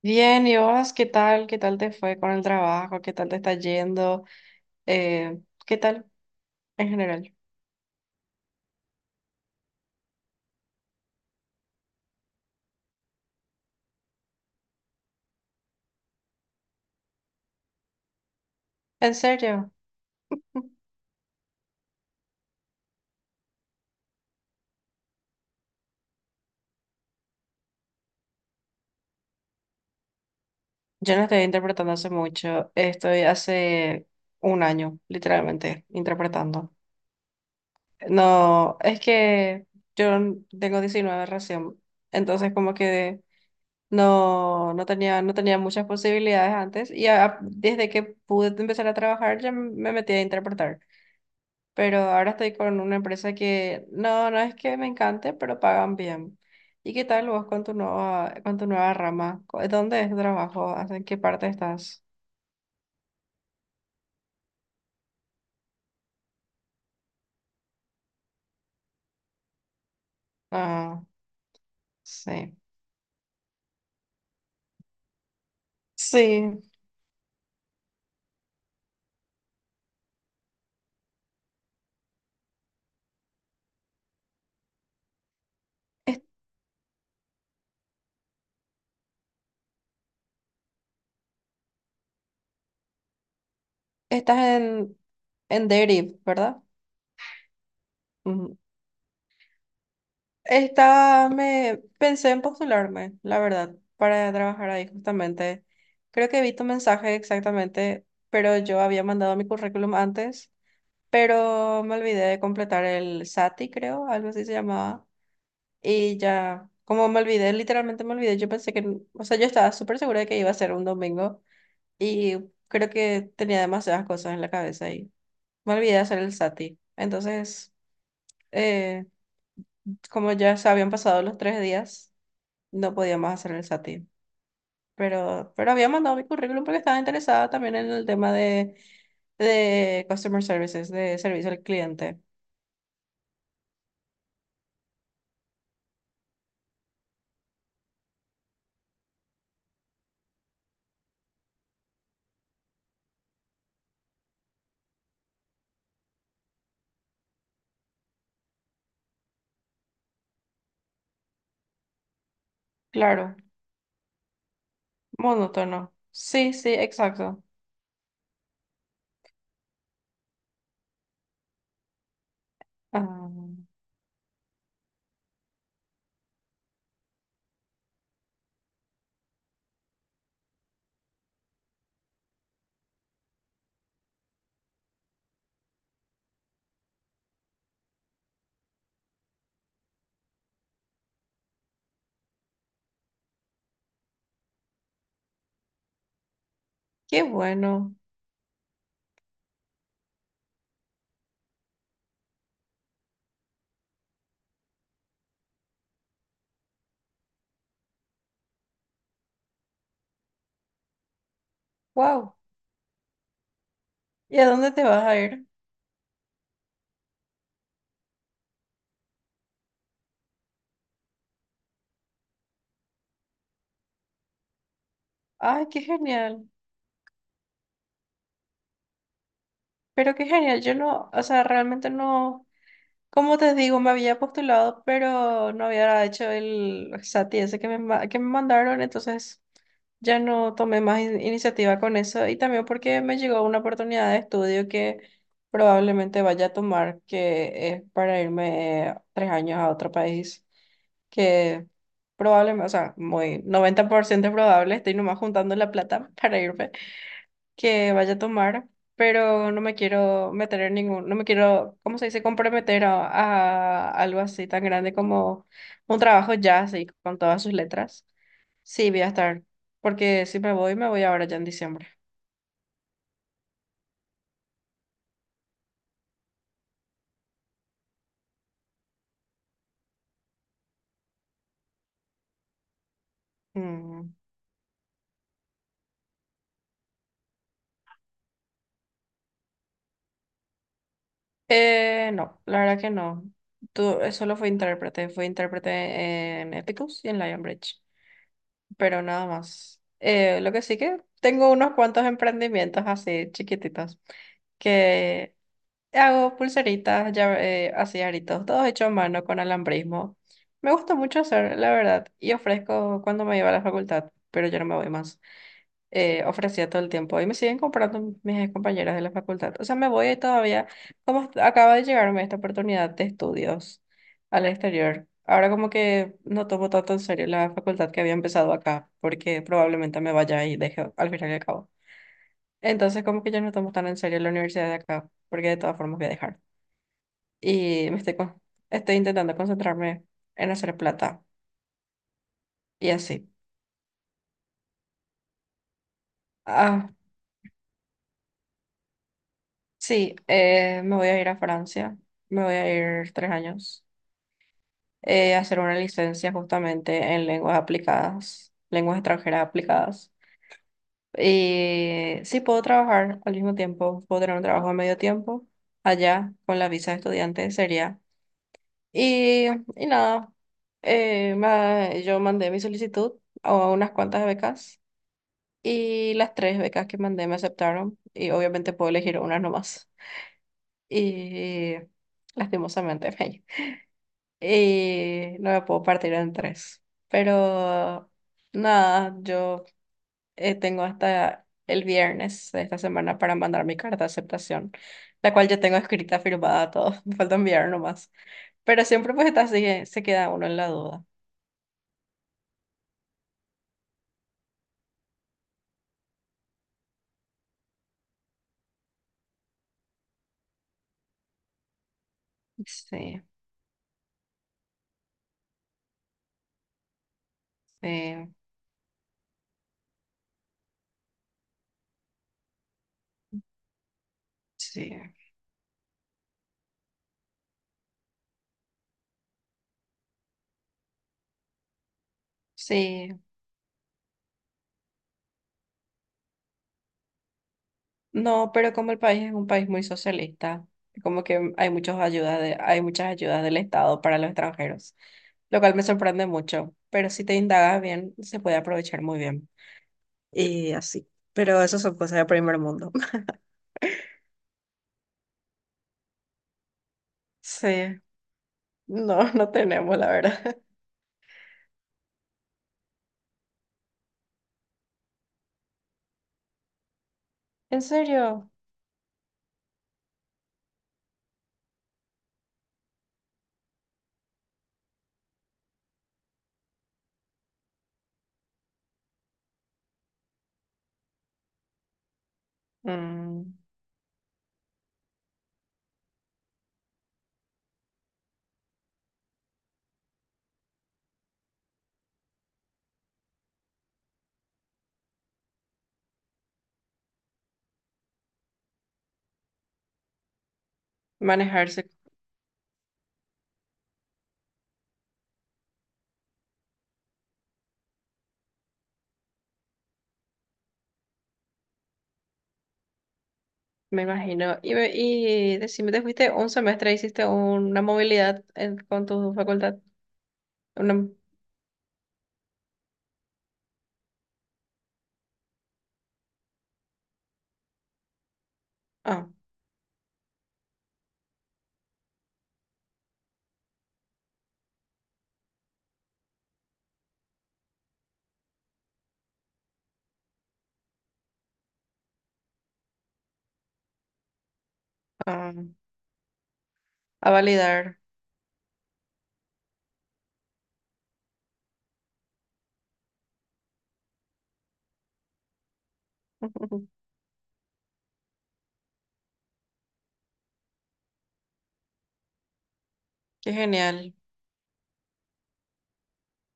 Bien, ¿y vos qué tal? ¿Qué tal te fue con el trabajo? ¿Qué tal te está yendo? Eh, ¿Qué tal en general? ¿En serio? Yo no estoy interpretando hace mucho, estoy hace un año, literalmente, interpretando. No, es que yo tengo 19 recién, entonces como que no, no tenía muchas posibilidades antes y desde que pude empezar a trabajar ya me metí a interpretar. Pero ahora estoy con una empresa que no es que me encante, pero pagan bien. ¿Y qué tal vos con tu nueva rama? ¿Dónde es tu trabajo? ¿En qué parte estás? Ah, sí. Sí, es- estás en Deriv, ¿verdad? Ujú. Estaba, me pensé en postularme, la verdad, para trabajar ahí justamente. Creo que vi tu mensaje exactamente, pero yo había mandado mi currículum antes, pero me olvidé de completar el SATI, creo, algo así se llamaba. Y ya, como me olvidé, literalmente me olvidé, yo pensé que, o sea, yo estaba súper segura de que iba a ser un domingo y creo que tenía demasiadas cosas en la cabeza y me olvidé de hacer el SATI. Entonces, eh, como ya se habían pasado los 3 días, no podía más hacer el SATI. Pero había mandado mi currículum porque estaba interesada también en el tema de Customer Services, de servicio al cliente. Claro. Monótono. Sí, sí, exacto. Ah, qué bueno. Wow. ¿Y a dónde te vas a ir? Ay, qué genial. Pero qué genial. Yo no, o sea, realmente no. Como te digo, me había postulado, pero no había hecho el SATI ese que me mandaron, entonces ya no tomé más iniciativa con eso. Y también porque me llegó una oportunidad de estudio que probablemente vaya a tomar, que es para irme 3 años a otro país, que probablemente, o sea, muy 90% probable, estoy nomás juntando la plata para irme, que vaya a tomar, pero no me quiero meter en ningún, no me quiero, ¿cómo se dice?, comprometer a algo así tan grande como un trabajo ya, así, con todas sus letras. Sí, voy a estar, porque si me voy, me voy ahora ya en diciembre. Mm. No, la verdad que no. Tú, solo fui intérprete en Epicus y en Lionbridge, pero nada más. Lo que sí que tengo unos cuantos emprendimientos así chiquititos que hago pulseritas, ya, así aritos, todo hecho a mano con alambrismo. Me gusta mucho hacer, la verdad, y ofrezco cuando me iba a la facultad, pero ya no me voy más. Ofrecía todo el tiempo y me siguen comprando mis compañeras de la facultad. O sea, me voy todavía, como acaba de llegarme esta oportunidad de estudios al exterior. Ahora como que no tomo tanto en serio la facultad que había empezado acá, porque probablemente me vaya y deje al final y al cabo. Entonces como que ya no tomo tan en serio la universidad de acá, porque de todas formas voy a dejar y estoy intentando concentrarme en hacer plata y así. Ah, sí, me voy a ir a Francia, me voy a ir 3 años, a hacer una licencia justamente en lenguas aplicadas, lenguas extranjeras aplicadas. Y sí, puedo trabajar al mismo tiempo, puedo tener un trabajo a medio tiempo allá con la visa de estudiante, sería. Y, y nada, yo mandé mi solicitud a unas cuantas becas. Y las tres becas que mandé me aceptaron y obviamente puedo elegir una nomás. Y lastimosamente, y no me puedo partir en tres. Pero nada, yo, tengo hasta el viernes de esta semana para mandar mi carta de aceptación, la cual ya tengo escrita, firmada, todo. Me falta enviar nomás. Pero siempre pues está así, se queda uno en la duda. Sí, sí, sí. Sí, no, pero como el país es un país muy socialista, como que hay muchas ayudas de, hay muchas ayudas del Estado para los extranjeros, lo cual me sorprende mucho, pero si te indagas bien, se puede aprovechar muy bien. Y así. Pero eso son cosas de primer mundo. Sí, no, no tenemos, la verdad. ¿En serio? Mm, manejarse, me imagino. Y decime, ¿te fuiste un semestre, hiciste una movilidad con tu facultad? Una, ah, ah, a validar. Qué genial,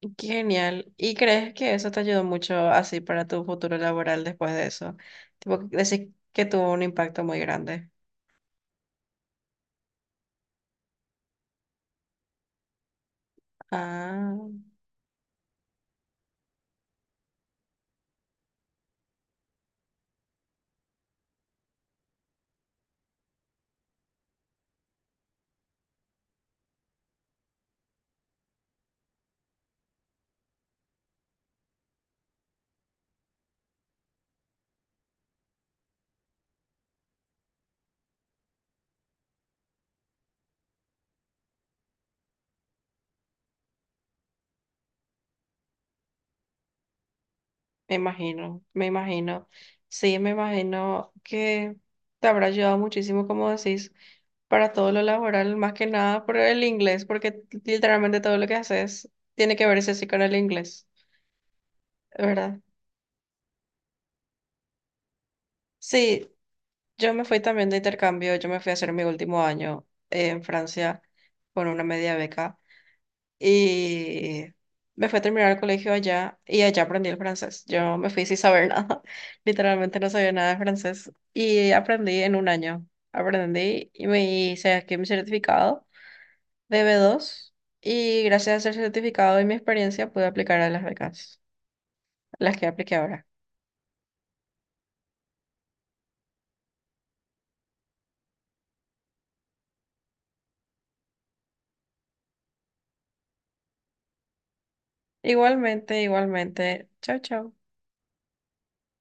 qué genial. ¿Y crees que eso te ayudó mucho así para tu futuro laboral después de eso? Tipo, decir que tuvo un impacto muy grande. Ah, me imagino, me imagino. Sí, me imagino que te habrá ayudado muchísimo, como decís, para todo lo laboral, más que nada por el inglés, porque literalmente todo lo que haces tiene que verse así con el inglés, ¿verdad? Sí, yo me fui también de intercambio, yo me fui a hacer mi último año, en Francia con una media beca y me fui a terminar el colegio allá y allá aprendí el francés. Yo me fui sin saber nada, literalmente no sabía nada de francés y aprendí en un año. Aprendí y me hice aquí mi certificado de B2 y gracias a ese certificado y mi experiencia pude aplicar a las becas, las que apliqué ahora. Igualmente, igualmente. Chao, chao.